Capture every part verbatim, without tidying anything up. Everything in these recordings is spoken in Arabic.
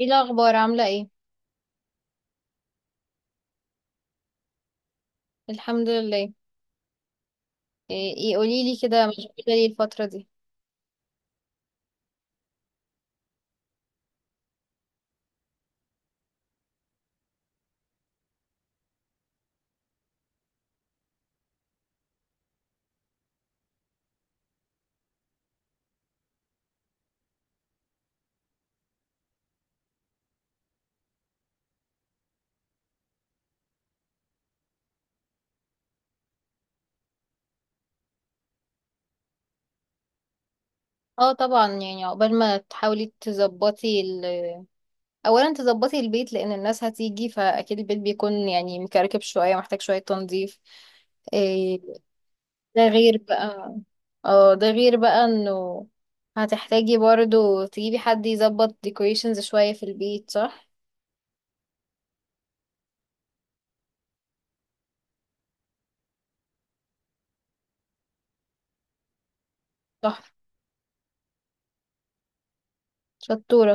ايه الاخبار؟ عامله ايه؟ الحمد لله. ايه، قولي لي كده، مشغوله ايه الفتره دي؟ اه طبعا، يعني عقبال ما تحاولي تظبطي ال... اولا تظبطي البيت، لان الناس هتيجي فاكيد البيت بيكون يعني مكركب شويه، محتاج شويه تنظيف. إيه ده غير بقى؟ اه، ده غير بقى انه هتحتاجي برضو تجيبي حد يظبط ديكوريشنز شويه في البيت، صح؟ صح. شطوره.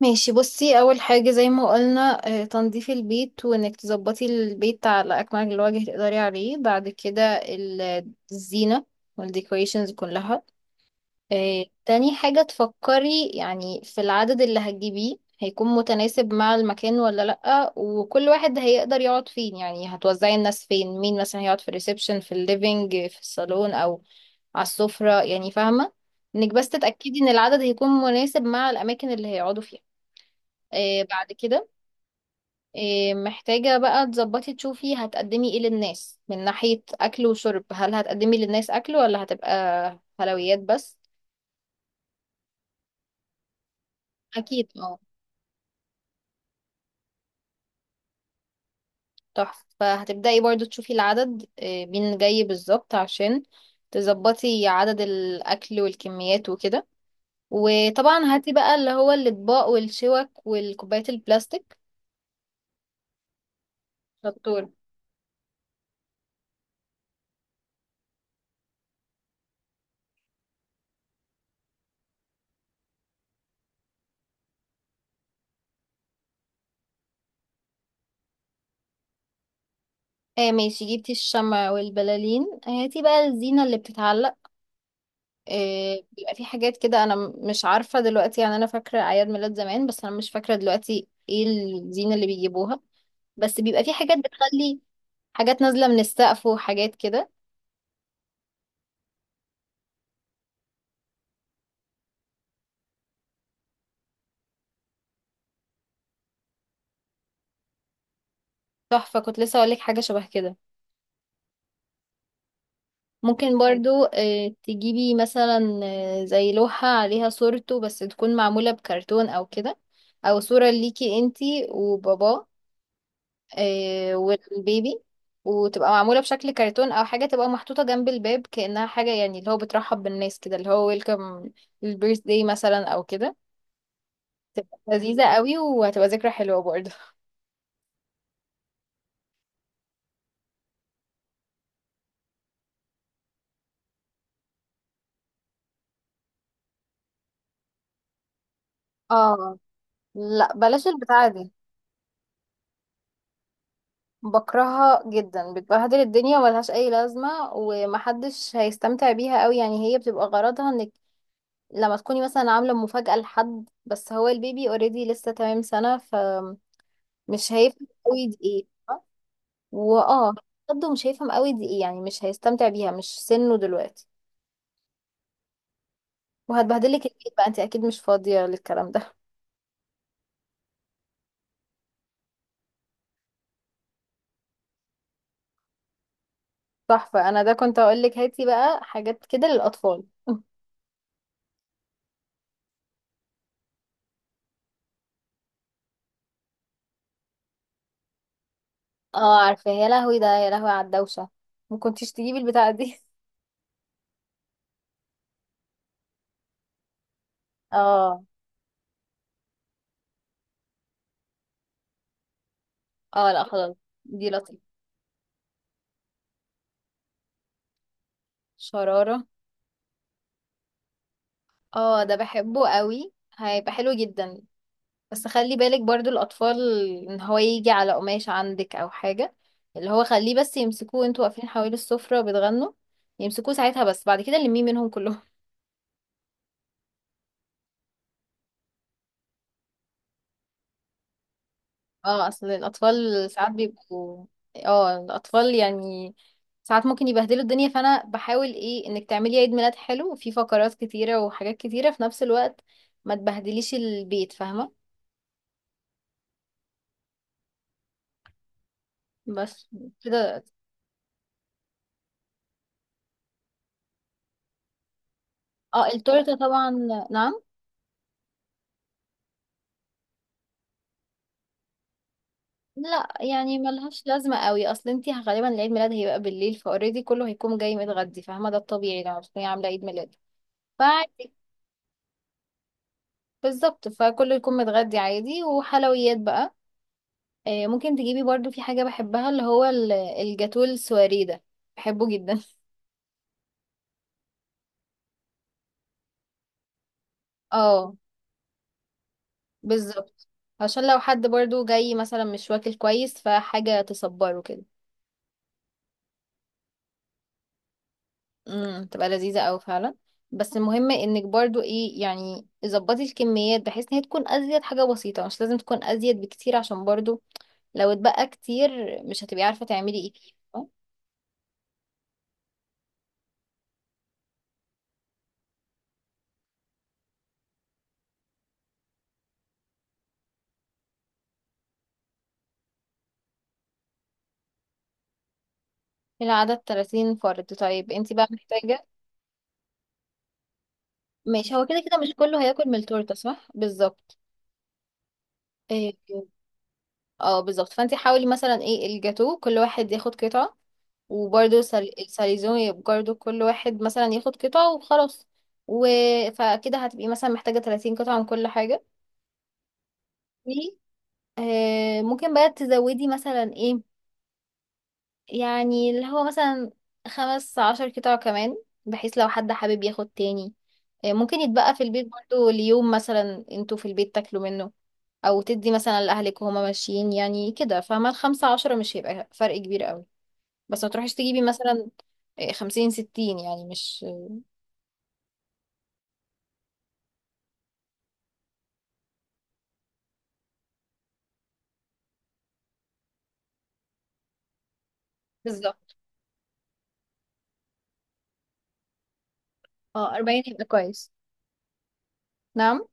ماشي، بصي اول حاجه زي ما قلنا، آه، تنظيف البيت، وانك تظبطي البيت على اكمل الوجه تقدري عليه. بعد كده ال- الزينه والديكوريشنز كلها. آه، تاني حاجه تفكري يعني في العدد اللي هتجيبيه، هيكون متناسب مع المكان ولا لأ، وكل واحد هيقدر يقعد فين، يعني هتوزعي الناس فين، مين مثلا هيقعد في الريسبشن، في الليفينج، في الصالون او على السفره، يعني فاهمه؟ انك بس تتأكدي ان العدد هيكون مناسب مع الاماكن اللي هيقعدوا فيها. آه، بعد كده آه، محتاجة بقى تظبطي، تشوفي هتقدمي ايه للناس من ناحية أكل وشرب. هل هتقدمي للناس أكل ولا هتبقى حلويات بس؟ أكيد اه. تحفة. فهتبدأي برضو تشوفي العدد، آه، مين جاي بالظبط عشان تظبطي عدد الأكل والكميات وكده. وطبعا هاتي بقى اللي هو الأطباق والشوك والكوبايات البلاستيك. شطور. آه ماشي، جبتي الشمع والبلالين، هاتي بقى الزينة اللي بتتعلق. آه، بيبقى في حاجات كده، انا م- مش عارفه دلوقتي، يعني انا فاكره اعياد ميلاد زمان بس انا مش فاكره دلوقتي ايه الزينه اللي بيجيبوها. بس بيبقى في حاجات بتخلي حاجات نازله من السقف وحاجات كده. تحفه، كنت لسه اقول لك حاجه شبه كده. ممكن برضو آه، تجيبي مثلا، آه، زي لوحه عليها صورته بس تكون معموله بكرتون او كده، او صوره ليكي انتي وباباه آه، والبيبي، وتبقى معمولة بشكل كرتون أو حاجة، تبقى محطوطة جنب الباب كأنها حاجة، يعني اللي هو بترحب بالناس كده، اللي هو ويلكم للبيرث داي مثلا أو كده. لذيذة قوي، وهتبقى ذكرى حلوة برضه. اه لا، بلاش البتاعة دي. بكرهها جدا، بتبهدل الدنيا وملهاش أي لازمة، ومحدش هيستمتع بيها قوي. يعني هي بتبقى غرضها انك لما تكوني مثلا عاملة مفاجأة لحد، بس هو البيبي اوريدي لسه تمام سنة، فمش هيفهم قوي دي ايه. واه، برضه مش هيفهم قوي دي ايه، يعني مش هيستمتع بيها، مش سنه دلوقتي. وهتبهدلك البيت بقى، انت اكيد مش فاضية للكلام ده. صح، فانا ده كنت اقول لك هاتي بقى حاجات كده للاطفال. اه عارفة، يا لهوي ده، يا لهوي على الدوشة، ما كنتيش تجيبي البتاعة دي. اه. اه لا خلاص، دي لطيفة. شرارة. اه ده بحبه قوي، هيبقى حلو جدا. بس خلي بالك برضو الأطفال، إن هو يجي على قماشة عندك أو حاجة. اللي هو خليه بس يمسكوه وانتوا واقفين حوالي السفرة وبتغنوا، يمسكوه ساعتها بس، بعد كده لميه منهم كلهم. اه أصل الأطفال ساعات بيبقوا، اه الأطفال يعني ساعات ممكن يبهدلوا الدنيا. فأنا بحاول ايه، إنك تعملي عيد ميلاد حلو وفيه فقرات كتيرة وحاجات كتيرة في نفس الوقت، ما تبهدليش البيت، فاهمة؟ بس كده. اه التورتة طبعا. نعم. لا يعني ملهاش لازمة قوي، اصل انتي غالبا العيد ميلاد هيبقى بالليل، فاوريدي كله هيكون جاي متغدي، فاهمة؟ ده الطبيعي لما تكوني عاملة عيد ميلاد. فعادي. بالظبط، فكله يكون متغدي عادي، وحلويات بقى. آه، ممكن تجيبي برضو في حاجة بحبها، اللي هو ال- الجاتو السواري ده، بحبه جدا. اه بالظبط. عشان لو حد برضو جاي مثلا مش واكل كويس، فحاجة تصبره كده. امم، تبقى لذيذة أوي فعلا. بس المهم انك برضو ايه، يعني ظبطي الكميات بحيث ان هي تكون ازيد حاجة بسيطة، مش لازم تكون ازيد بكتير، عشان برضو لو اتبقى كتير مش هتبقي عارفة تعملي ايه فيه، فاهمة؟ العدد 30 فرد؟ طيب انتي بقى محتاجة. ماشي، هو كده كده مش كله هياكل من التورتة، صح، بالظبط. إيه، اه بالظبط، فانت حاولي مثلا ايه، الجاتو كل واحد ياخد قطعة، وبرده الساليزون يبقى برضه كل واحد مثلا ياخد قطعة وخلاص، و... فكده هتبقي مثلا محتاجة 30 قطعة من كل حاجة. و آه ممكن بقى تزودي مثلا ايه، يعني اللي هو مثلا خمس عشر قطع كمان، بحيث لو حد حابب ياخد تاني، آه ممكن يتبقى في البيت برضه ليوم مثلا انتوا في البيت تاكلوا منه، او تدي مثلا لاهلك وهما ماشيين يعني كده، فاهمة؟ الخمسة عشرة مش هيبقى فرق كبير قوي. بس ما تروحيش تجيبي مثلا إيه، خمسين ستين يعني، مش بالظبط. اه أربعين يبقى كويس. نعم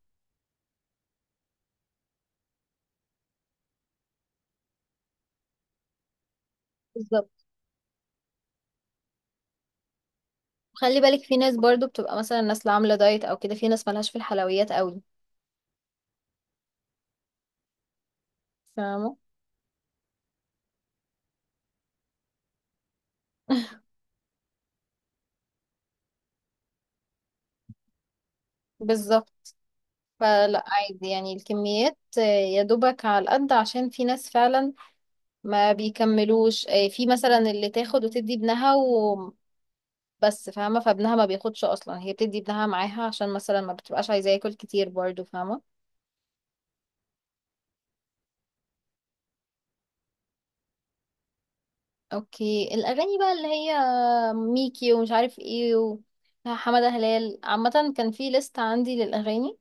بالظبط. خلي بالك في ناس برضو بتبقى مثلا الناس اللي عاملة دايت أو كده، في ناس ملهاش في الحلويات قوي، فاهمة؟ بالظبط. فلا عادي يعني، الكميات آه، يا دوبك على القد، عشان في ناس فعلا ما بيكملوش، آه، في مثلا اللي تاخد وتدي ابنها وبس، فاهمة؟ فابنها ما بياخدش أصلا، هي بتدي ابنها معاها عشان مثلا ما بتبقاش عايزاه ياكل كتير برضو، فاهمة؟ اوكي. الاغاني بقى اللي هي ميكي ومش عارف ايه، وحمادة هلال. عامة كان في ليست عندي للاغاني،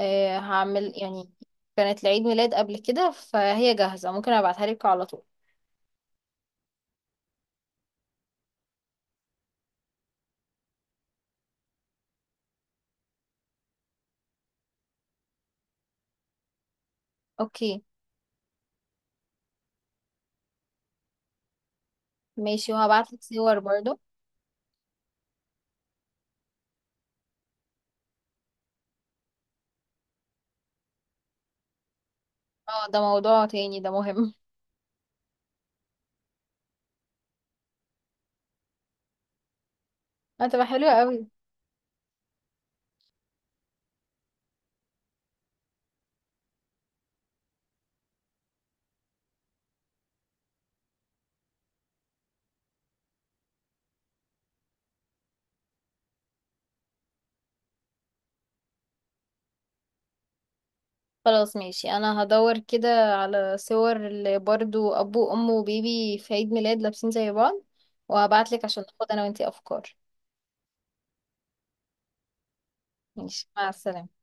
أه هعمل يعني، كانت لعيد ميلاد قبل كده فهي جاهزة، ممكن ابعتها لك على طول. اوكي ماشي، وهبعت لك صور برضو. اه ده موضوع تاني، ده مهم. هتبقى حلوة قوي. خلاص ماشي، انا هدور كده على صور اللي برضو ابو وام وبيبي في عيد ميلاد لابسين زي بعض، وهبعت لك عشان ناخد انا وانتي افكار. ماشي، مع السلامة.